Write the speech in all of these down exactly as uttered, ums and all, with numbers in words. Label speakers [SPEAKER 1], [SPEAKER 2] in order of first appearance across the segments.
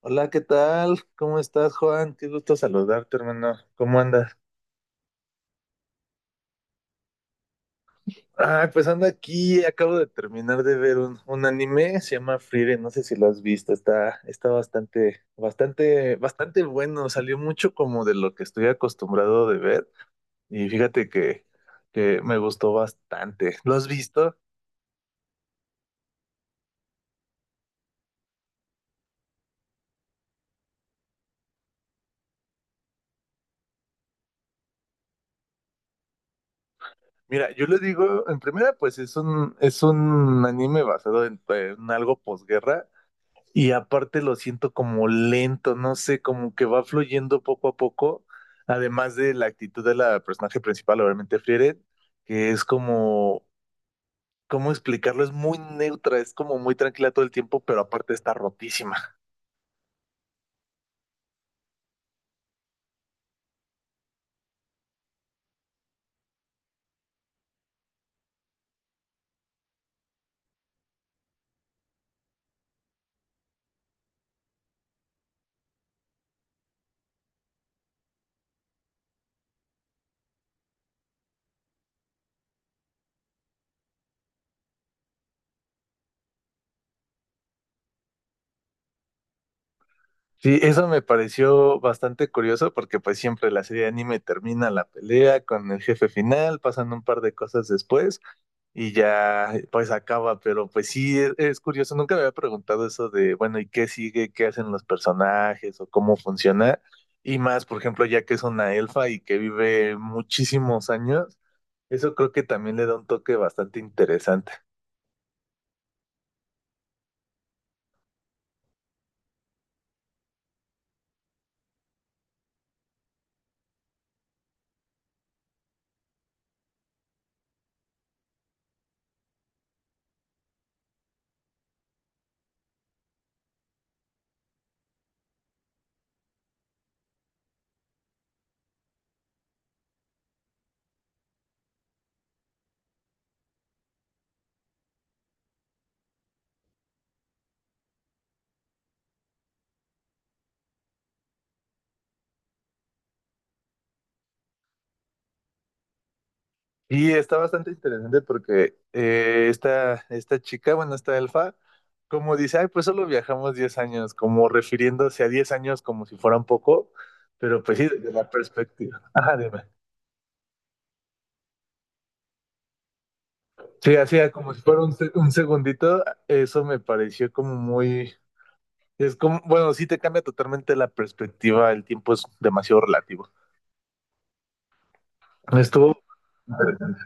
[SPEAKER 1] Hola, ¿qué tal? ¿Cómo estás, Juan? Qué gusto saludarte, hermano. ¿Cómo andas? Ah, pues ando aquí, acabo de terminar de ver un, un anime, se llama Frieren, no sé si lo has visto, está, está bastante, bastante, bastante bueno, salió mucho como de lo que estoy acostumbrado de ver y fíjate que, que me gustó bastante. ¿Lo has visto? Mira, yo le digo, en primera, pues es un, es un anime basado en, en algo posguerra. Y aparte lo siento como lento, no sé, como que va fluyendo poco a poco, además de la actitud de la personaje principal, obviamente Frieren, que es como, ¿cómo explicarlo? Es muy neutra, es como muy tranquila todo el tiempo, pero aparte está rotísima. Sí, eso me pareció bastante curioso porque pues siempre la serie de anime termina la pelea con el jefe final, pasan un par de cosas después y ya pues acaba, pero pues sí, es, es curioso, nunca me había preguntado eso de, bueno, ¿y qué sigue? ¿Qué hacen los personajes o cómo funciona? Y más, por ejemplo, ya que es una elfa y que vive muchísimos años, eso creo que también le da un toque bastante interesante. Y está bastante interesante porque eh, esta, esta chica, bueno, esta elfa, como dice, ay, pues solo viajamos diez años, como refiriéndose a diez años como si fueran poco, pero pues sí, desde la perspectiva. Ajá, dime. Sí, hacía como si fuera un, se- un segundito, eso me pareció como muy... Es como, bueno, sí te cambia totalmente la perspectiva, el tiempo es demasiado relativo. Estuvo interesante.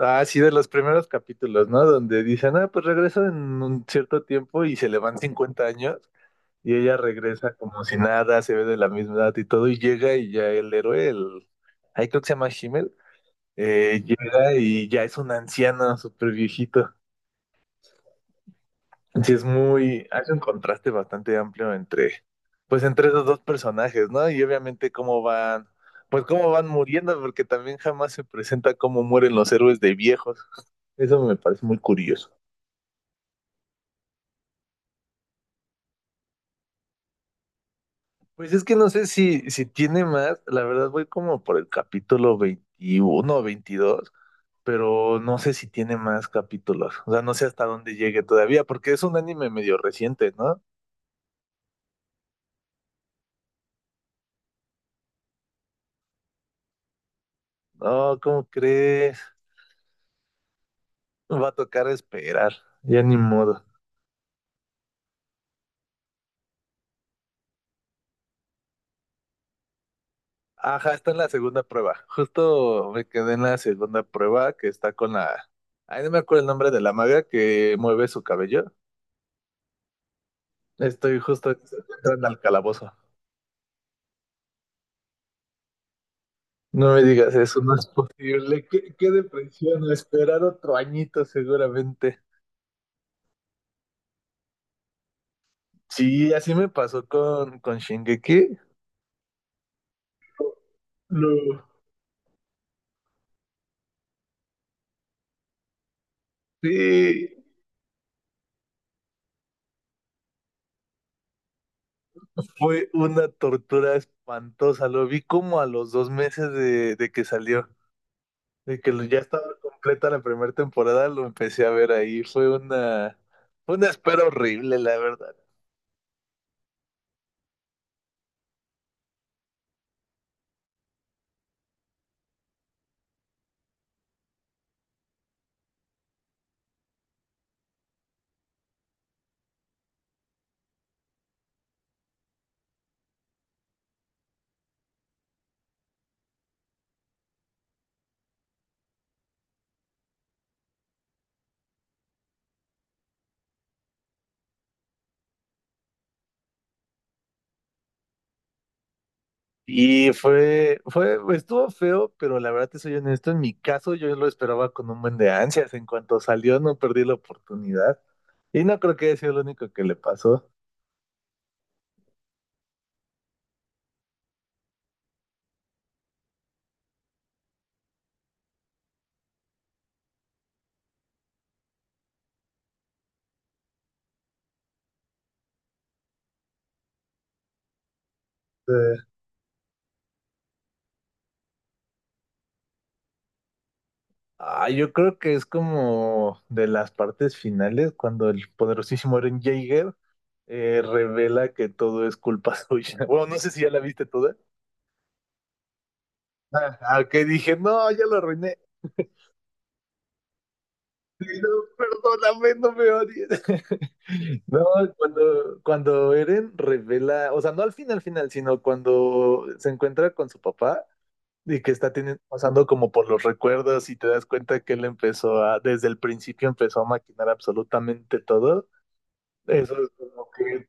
[SPEAKER 1] Ah, sí, de los primeros capítulos, ¿no? Donde dicen, ah, pues regresa en un cierto tiempo y se le van cincuenta años y ella regresa como si nada, se ve de la misma edad y todo, y llega y ya el héroe, el... ahí creo que se llama Himmel, eh, llega y ya es un anciano súper viejito. Sí, es muy, hace un contraste bastante amplio entre, pues entre esos dos personajes, ¿no? Y obviamente cómo van, pues cómo van muriendo, porque también jamás se presenta cómo mueren los héroes de viejos. Eso me parece muy curioso. Pues es que no sé si, si tiene más, la verdad voy como por el capítulo veintiuno o veintidós, pero no sé si tiene más capítulos, o sea, no sé hasta dónde llegue todavía, porque es un anime medio reciente, ¿no? No, ¿cómo crees? Va a tocar esperar, ya ni modo. Ajá, está en la segunda prueba. Justo me quedé en la segunda prueba que está con la... Ay, no me acuerdo el nombre de la maga que mueve su cabello. Estoy justo entrando al calabozo. No me digas eso, no es posible. Qué, qué depresión, a esperar otro añito seguramente. Sí, así me pasó con, con Shingeki. No. Sí, fue una tortura espantosa. Lo vi como a los dos meses de, de que salió. De que lo- ya estaba completa la primera temporada, lo empecé a ver ahí. Fue una, fue una espera horrible, la verdad. Y fue, fue, estuvo feo, pero la verdad te soy honesto, en mi caso yo lo esperaba con un buen de ansias. En cuanto salió, no perdí la oportunidad. Y no creo que haya sido lo único que le pasó. Eh, ah, yo creo que es como de las partes finales, cuando el poderosísimo Eren Jaeger eh, revela que todo es culpa suya. Bueno, no sé si ya la viste toda. Ah, ah, que dije, no, ya lo arruiné. Sí, No, perdóname, no me odies. No, cuando, cuando Eren revela, o sea, no al final, final, sino cuando se encuentra con su papá y que está teni- pasando como por los recuerdos y te das cuenta que él empezó a, desde el principio empezó a maquinar absolutamente todo. Eso es como que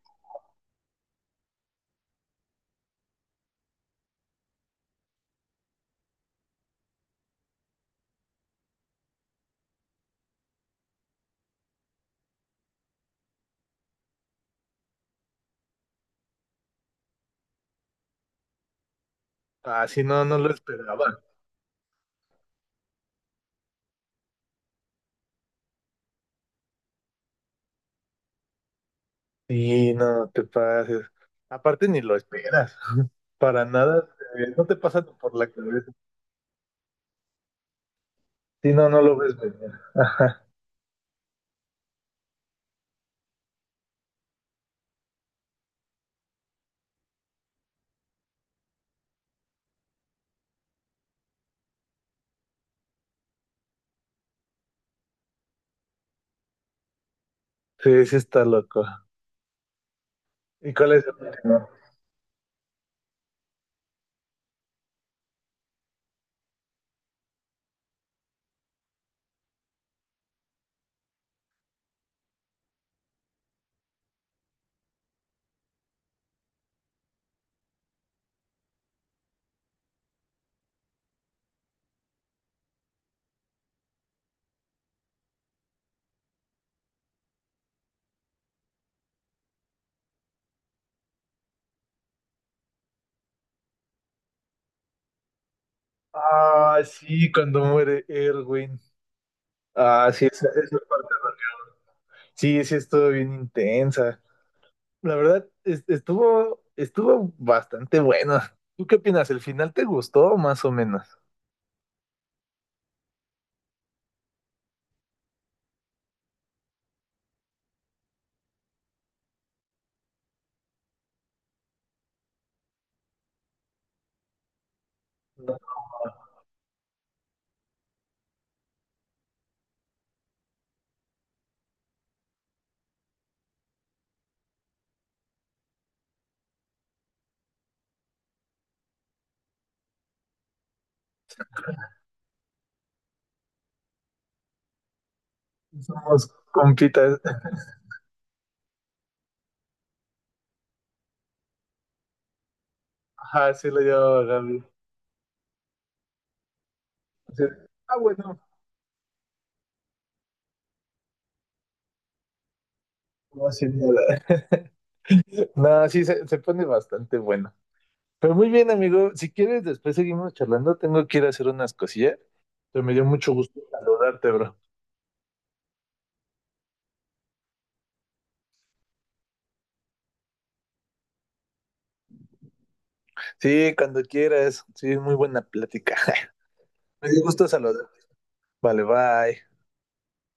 [SPEAKER 1] así no, no lo esperaba. Y no te pases. Aparte ni lo esperas. Para nada, eh, no te pasa por la cabeza. Sí, no, no lo ves venir. Ajá. Sí, sí está loco. ¿Y cuál es el último? Ah, sí, cuando muere Erwin. Ah, sí, esa, esa parte. Sí, sí, estuvo bien intensa. La verdad, es- estuvo, estuvo bastante bueno. ¿Tú qué opinas? ¿El final te gustó más o menos? No, somos compitas. Ajá, sí lo llevaba Gaby. Sí. Ah, bueno. No, sí, nada. No, sí, se, se pone bastante bueno. Pero muy bien, amigo. Si quieres, después seguimos charlando. Tengo que ir a hacer unas cosillas. Pero me dio mucho gusto saludarte, bro. Sí, cuando quieras. Sí, muy buena plática. Me dio gusto saludarte. Vale, bye.